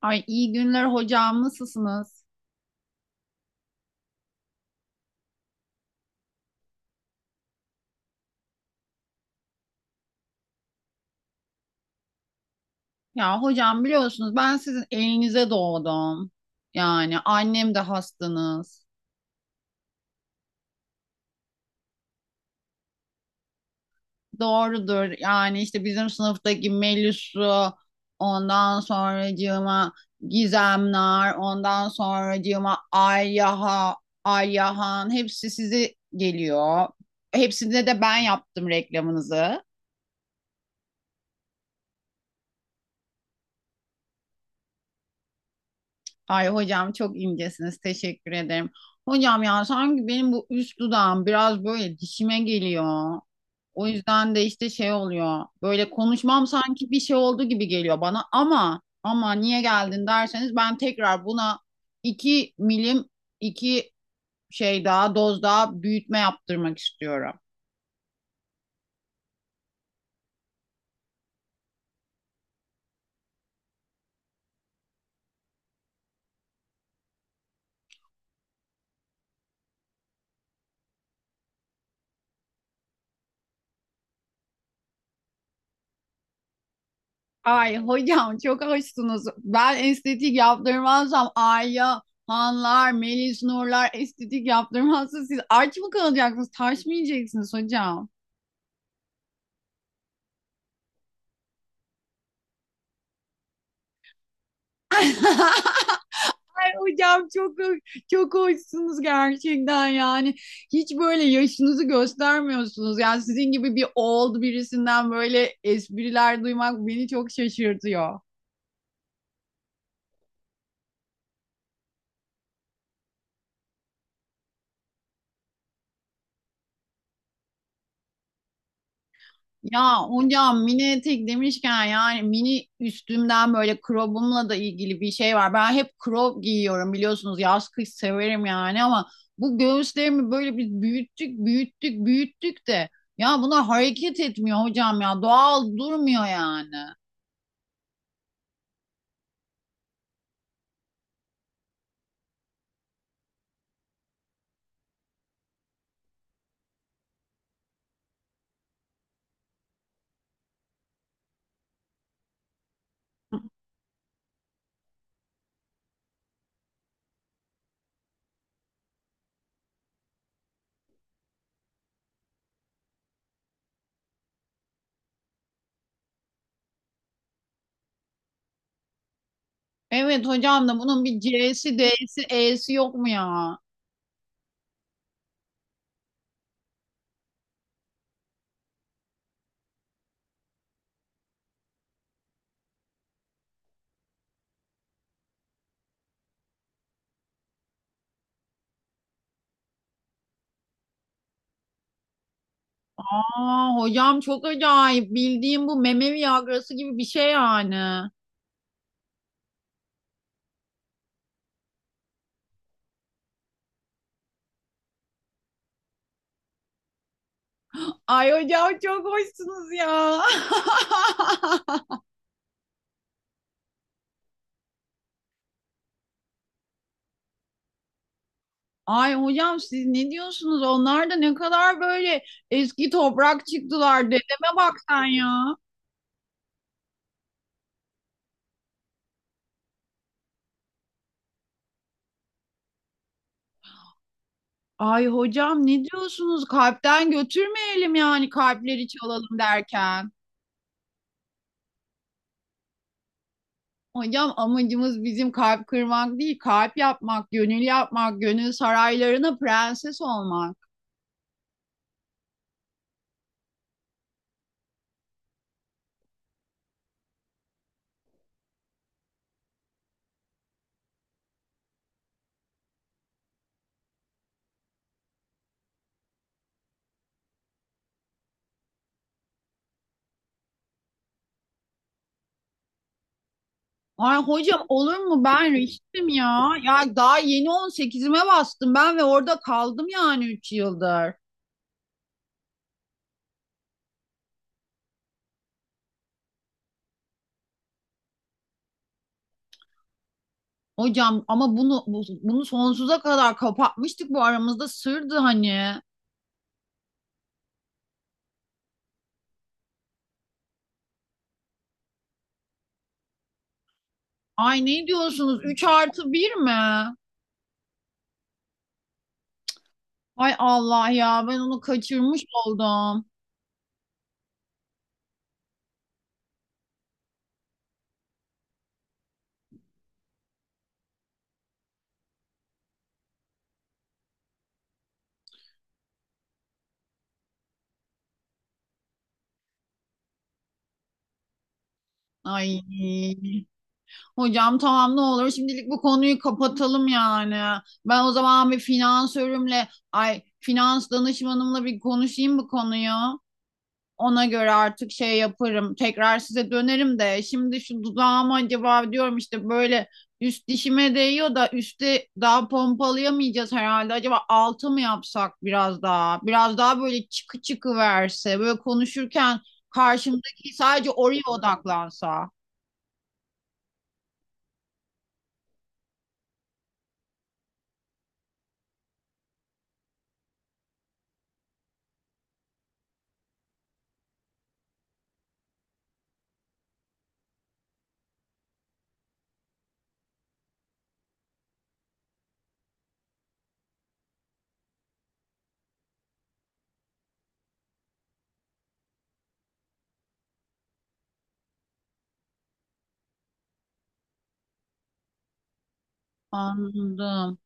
Ay iyi günler hocam, nasılsınız? Ya hocam biliyorsunuz ben sizin elinize doğdum. Yani annem de hastanız. Doğrudur. Yani işte bizim sınıftaki Melis'u ondan sonracığıma Gizemler ondan sonracığıma Alyaha, Ayyahan hepsi sizi geliyor. Hepsine de ben yaptım reklamınızı. Ay hocam çok incesiniz. Teşekkür ederim. Hocam ya sanki benim bu üst dudağım biraz böyle dişime geliyor. O yüzden de işte şey oluyor. Böyle konuşmam sanki bir şey oldu gibi geliyor bana ama niye geldin derseniz ben tekrar buna iki milim iki şey daha doz daha büyütme yaptırmak istiyorum. Ay hocam çok hoşsunuz. Ben estetik yaptırmazsam Ayya, Hanlar, Melis Nurlar estetik yaptırmazsa siz aç mı kalacaksınız? Taş mı yiyeceksiniz hocam? Ay hocam çok hoşsunuz gerçekten yani. Hiç böyle yaşınızı göstermiyorsunuz. Yani sizin gibi bir old birisinden böyle espriler duymak beni çok şaşırtıyor. Ya hocam mini etek demişken yani mini üstümden böyle crobumla da ilgili bir şey var. Ben hep crop giyiyorum biliyorsunuz, yaz kış severim yani, ama bu göğüslerimi böyle biz büyüttük büyüttük büyüttük de ya bunlar hareket etmiyor hocam, ya doğal durmuyor yani. Evet hocam, da bunun bir C'si, D'si, E'si yok mu ya? Aa hocam çok acayip, bildiğim bu meme Viagra'sı gibi bir şey yani. Ay hocam çok hoşsunuz ya. Ay hocam siz ne diyorsunuz? Onlar da ne kadar böyle eski toprak çıktılar. Dedeme bak sen ya. Ay hocam ne diyorsunuz? Kalpten götürmeyelim yani, kalpleri çalalım derken. Hocam amacımız bizim kalp kırmak değil, kalp yapmak, gönül yapmak, gönül saraylarına prenses olmak. Ay hocam olur mu, ben riştim ya. Ya daha yeni 18'ime bastım ben ve orada kaldım yani 3 yıldır. Hocam ama bunu sonsuza kadar kapatmıştık, bu aramızda sırdı hani. Ay ne diyorsunuz, 3+1 mi? Ay Allah ya, ben onu kaçırmış oldum. Ay hocam tamam, ne olur şimdilik bu konuyu kapatalım yani. Ben o zaman bir finansörümle, ay, finans danışmanımla bir konuşayım bu konuyu. Ona göre artık şey yaparım. Tekrar size dönerim de şimdi şu dudağıma acaba diyorum, işte böyle üst dişime değiyor da üstte daha pompalayamayacağız herhalde. Acaba altı mı yapsak biraz daha? Biraz daha böyle çıkı çıkı verse. Böyle konuşurken karşımdaki sadece oraya odaklansa. Anladım.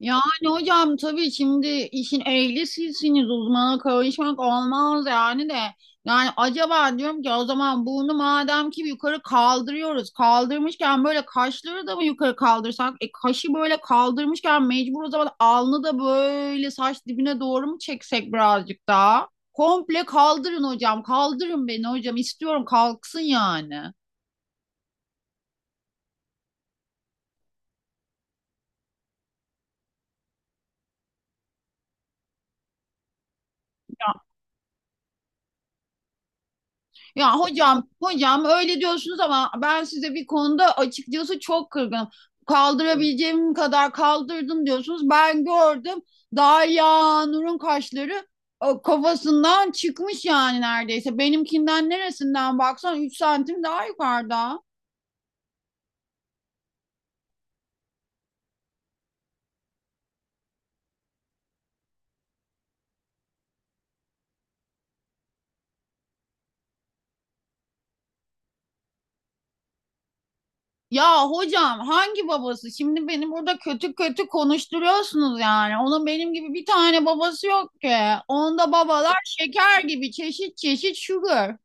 Yani hocam tabii şimdi işin ehli sizsiniz, uzmana karışmak olmaz yani de. Yani acaba diyorum ki o zaman bunu madem ki yukarı kaldırıyoruz. Kaldırmışken böyle kaşları da mı yukarı kaldırsak? E kaşı böyle kaldırmışken mecbur o zaman alnı da böyle saç dibine doğru mu çeksek birazcık daha? Komple kaldırın hocam. Kaldırın beni hocam. İstiyorum kalksın yani. Ya hocam, hocam öyle diyorsunuz ama ben size bir konuda açıkçası çok kırgınım. Kaldırabileceğim kadar kaldırdım diyorsunuz. Ben gördüm, Derya Nur'un kaşları kafasından çıkmış yani neredeyse. Benimkinden neresinden baksan 3 santim daha yukarıda. Ya hocam hangi babası? Şimdi beni burada kötü kötü konuşturuyorsunuz yani. Onun benim gibi bir tane babası yok ki. Onda babalar şeker gibi, çeşit çeşit sugar.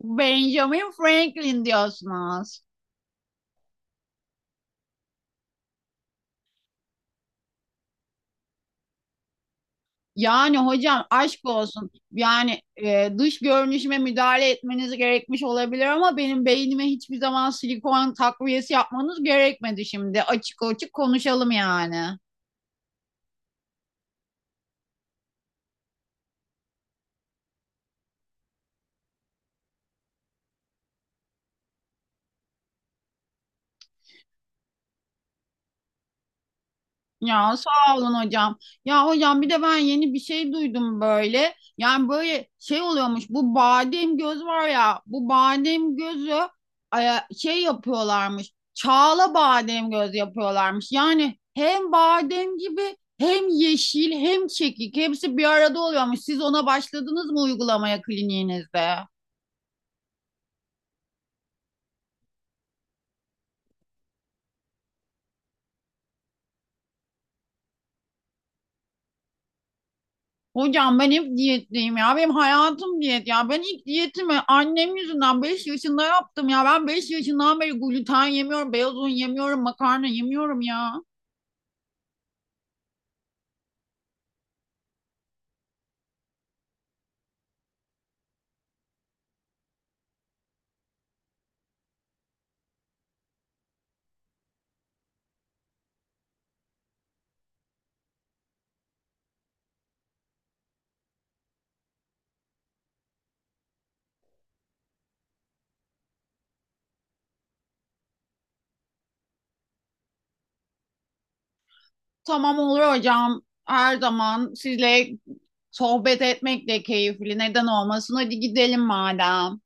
Benjamin Franklin diyorsunuz. Yani hocam aşk olsun. Yani dış görünüşüme müdahale etmeniz gerekmiş olabilir ama benim beynime hiçbir zaman silikon takviyesi yapmanız gerekmedi şimdi. Açık açık konuşalım yani. Ya sağ olun hocam. Ya hocam bir de ben yeni bir şey duydum böyle. Yani böyle şey oluyormuş. Bu badem göz var ya. Bu badem gözü şey yapıyorlarmış. Çağla badem göz yapıyorlarmış. Yani hem badem gibi, hem yeşil, hem çekik, hepsi bir arada oluyormuş. Siz ona başladınız mı uygulamaya kliniğinizde? Hocam ben hep diyetteyim ya. Benim hayatım diyet ya. Ben ilk diyetimi annem yüzünden 5 yaşında yaptım ya. Ben 5 yaşından beri gluten yemiyorum, beyaz un yemiyorum, makarna yemiyorum ya. Tamam olur hocam. Her zaman sizle sohbet etmek de keyifli. Neden olmasın? Hadi gidelim madem.